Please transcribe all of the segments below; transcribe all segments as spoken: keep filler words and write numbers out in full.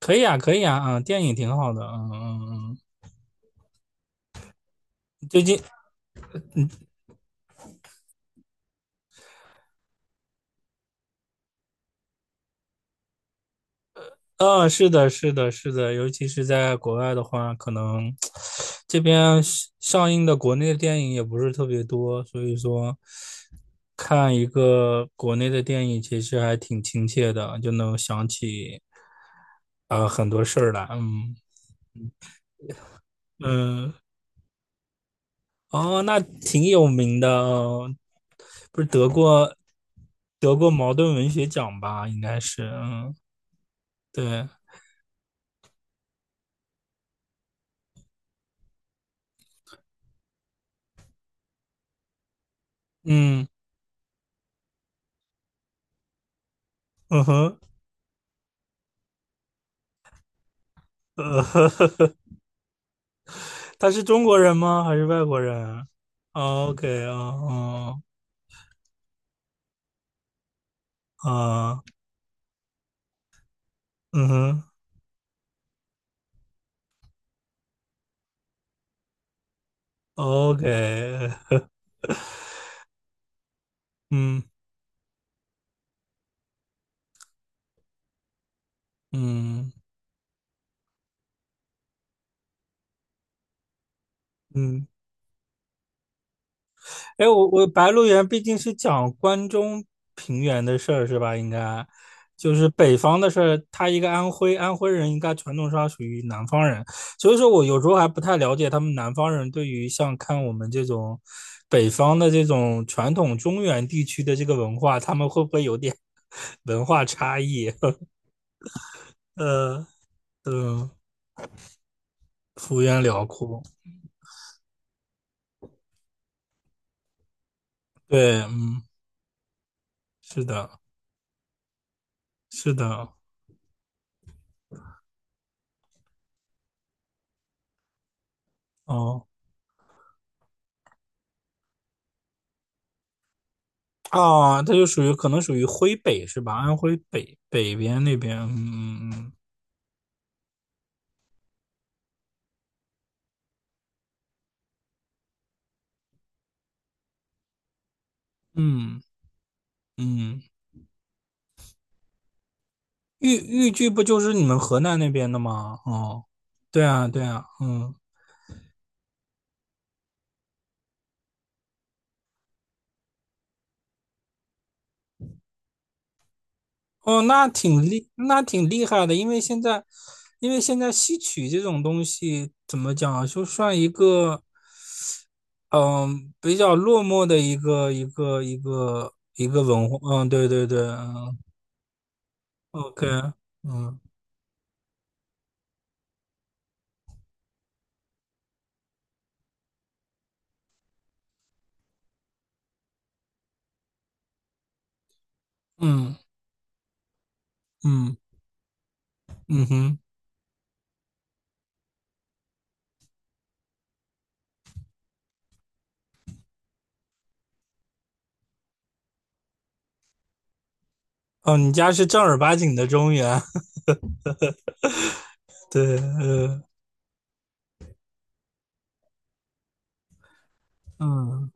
可以啊，可以啊，嗯，电影挺好的，嗯嗯嗯，最近，嗯，是的，是的，是的，尤其是在国外的话，可能这边上上映的国内的电影也不是特别多，所以说看一个国内的电影其实还挺亲切的，就能想起啊呃很多事儿来，嗯嗯，哦，那挺有名的哦，不是得过得过茅盾文学奖吧？应该是，嗯，对，嗯嗯哼，呃，他是中国人吗？还是外国人？o k 啊哦啊，嗯哼哦，OK，嗯嗯嗯。哎，我我《白鹿原》毕竟是讲关中平原的事儿是吧？应该就是北方的事儿，他一个安徽安徽人，应该传统上属于南方人，所以说我有时候还不太了解他们南方人对于像看我们这种北方的这种传统中原地区的这个文化，他们会不会有点 文化差异？呃，嗯，幅员辽阔，对，嗯，是的，是的，哦。啊，它就属于可能属于徽北是吧？安徽北北边那边，嗯嗯嗯，豫豫剧不就是你们河南那边的吗？哦，对啊对啊，嗯，哦，那挺厉，那挺厉害的，因为现在，因为现在戏曲这种东西怎么讲啊就算一个嗯比较落寞的一个一个一个一个文化，嗯，对对对，嗯，OK，嗯嗯嗯嗯哼。哦，你家是正儿八经的中原，对，呃，嗯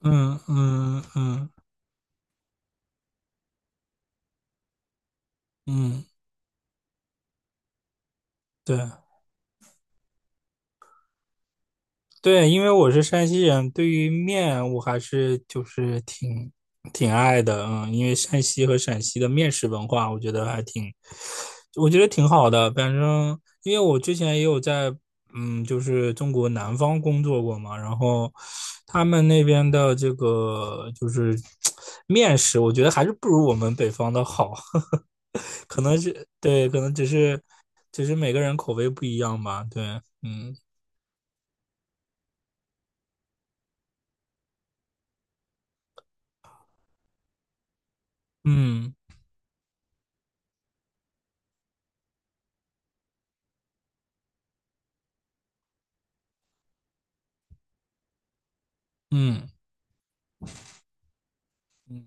嗯嗯嗯嗯，对对，因为我是山西人，对于面我还是就是挺挺爱的，嗯，因为山西和陕西的面食文化，我觉得还挺，我觉得挺好的。反正因为我之前也有在嗯，就是中国南方工作过嘛，然后他们那边的这个就是 面食，我觉得还是不如我们北方的好。可能是对，可能只是只是每个人口味不一样吧。对，嗯嗯嗯嗯，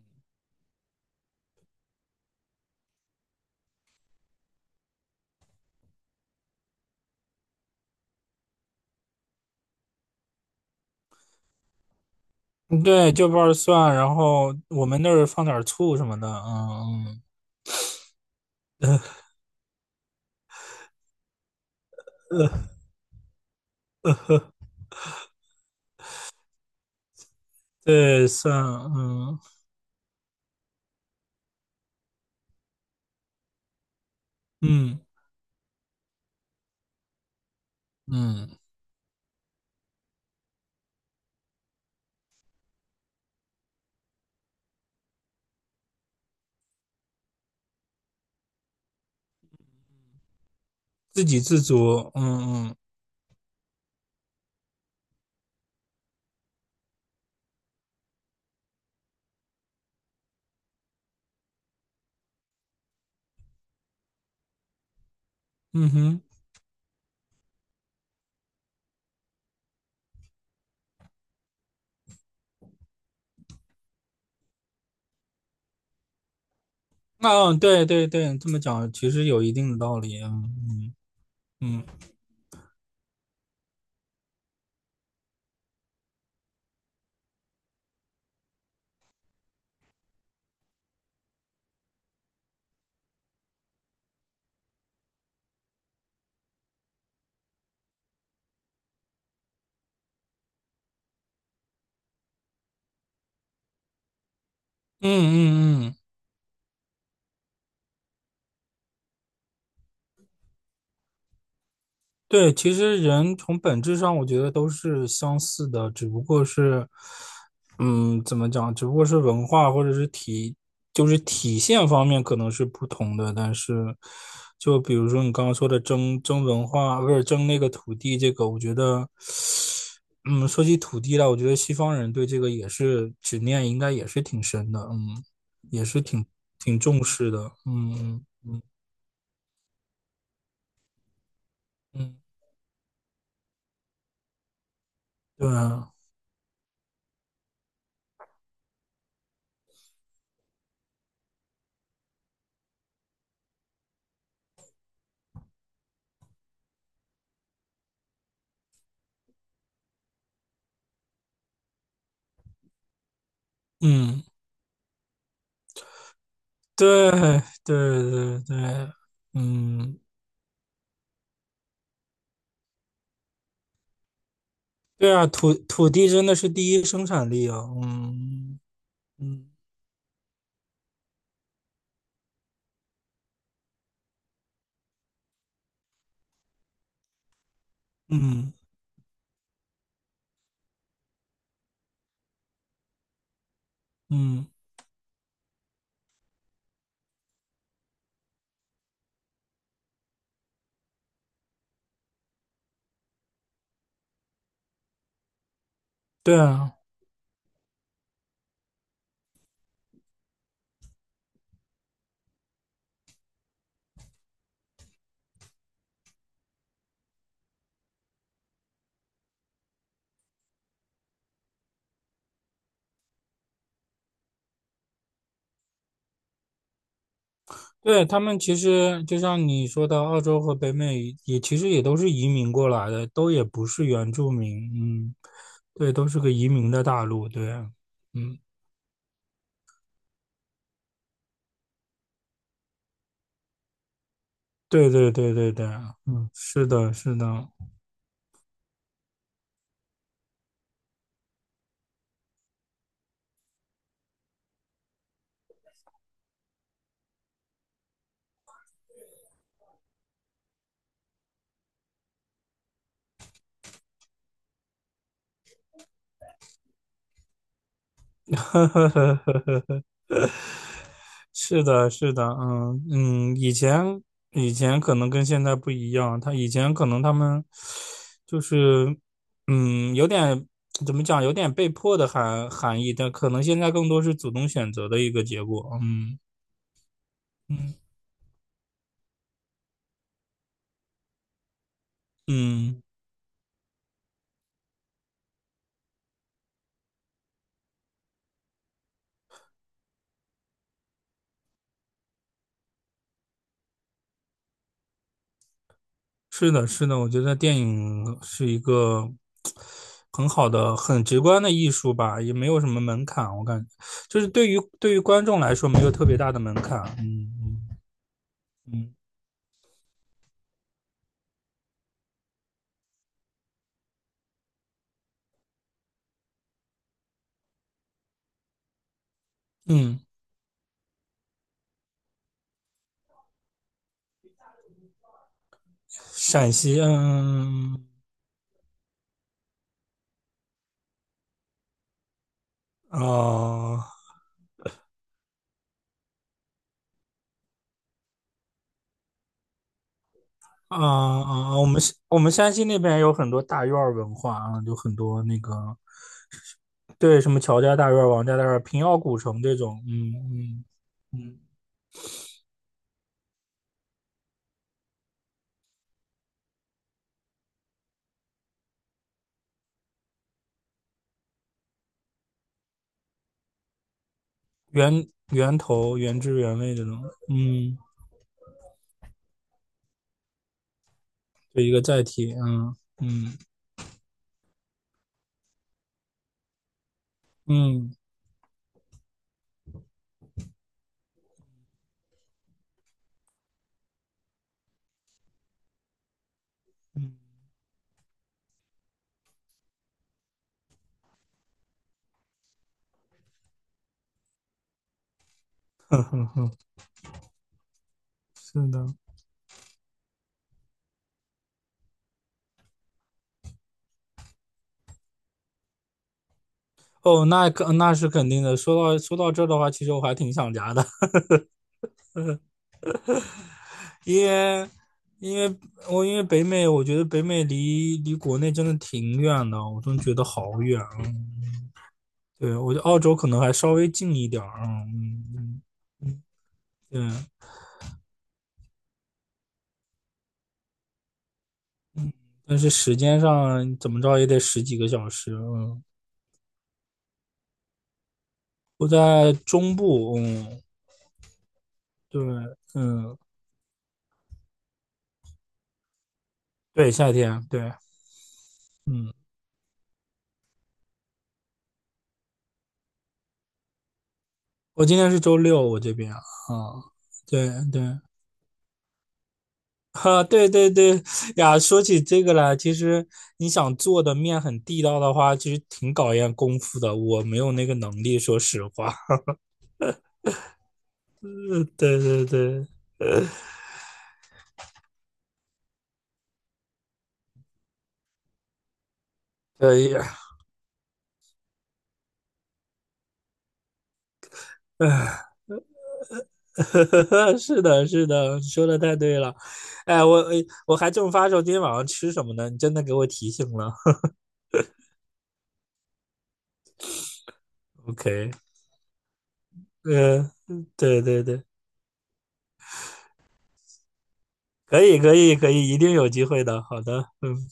对，就瓣儿蒜，然后我们那儿放点儿醋什么的。嗯嗯。呃对，蒜，嗯嗯嗯，自给自足，嗯嗯嗯哼，嗯，对对对，这么讲其实有一定的道理，嗯嗯嗯嗯嗯对，其实人从本质上，我觉得都是相似的，只不过是，嗯，怎么讲？只不过是文化或者是体，就是体现方面可能是不同的。但是，就比如说你刚刚说的争争文化，不是争那个土地，这个我觉得，嗯，说起土地来，我觉得西方人对这个也是执念，应该也是挺深的，嗯，也是挺挺重视的，嗯嗯嗯，对啊，嗯。对对对对，嗯，对啊，土土地真的是第一生产力啊，嗯嗯嗯嗯，对啊，对他们其实就像你说的，澳洲和北美也其实也都是移民过来的，都也不是原住民，嗯，对，都是个移民的大陆，对啊，嗯，对对对对对啊嗯，是的，是的，是的，是的，嗯嗯，以前以前可能跟现在不一样，他以前可能他们就是嗯，有点怎么讲，有点被迫的含含义，但可能现在更多是主动选择的一个结果。嗯嗯嗯，是的，是的，我觉得电影是一个很好的、很直观的艺术吧，也没有什么门槛，我感觉就是对于对于观众来说没有特别大的门槛。嗯嗯嗯嗯。陕西，嗯，哦，啊啊啊，我们我们山西那边有很多大院儿文化啊，有很多那个，对，什么乔家大院儿、王家大院儿、平遥古城这种，嗯嗯嗯，源源头原汁原味这种，嗯，就一个载体，嗯嗯嗯嗯，哼哼哼，是的，哦，那肯那是肯定的。说到说到这儿的话，其实我还挺想家的。因为因为我因为北美，我觉得北美离离国内真的挺远的，我真觉得好远啊。对，我觉得澳洲可能还稍微近一点儿啊嗯嗯，对，但是时间上怎么着也得十几个小时，嗯，我在中部，嗯，对，嗯，对，夏天，对，嗯，我今天是周六，我这边啊，啊对对。哈，对对对呀，说起这个来，其实你想做的面很地道的话，其实挺考验功夫的。我没有那个能力，说实话。嗯，对对对，可以。是的，是的，你说的太对了。哎，我哎我还正发愁今天晚上吃什么呢，你真的给我提醒了。OK，呃，对对对，可以可以可以，一定有机会的。好的，嗯。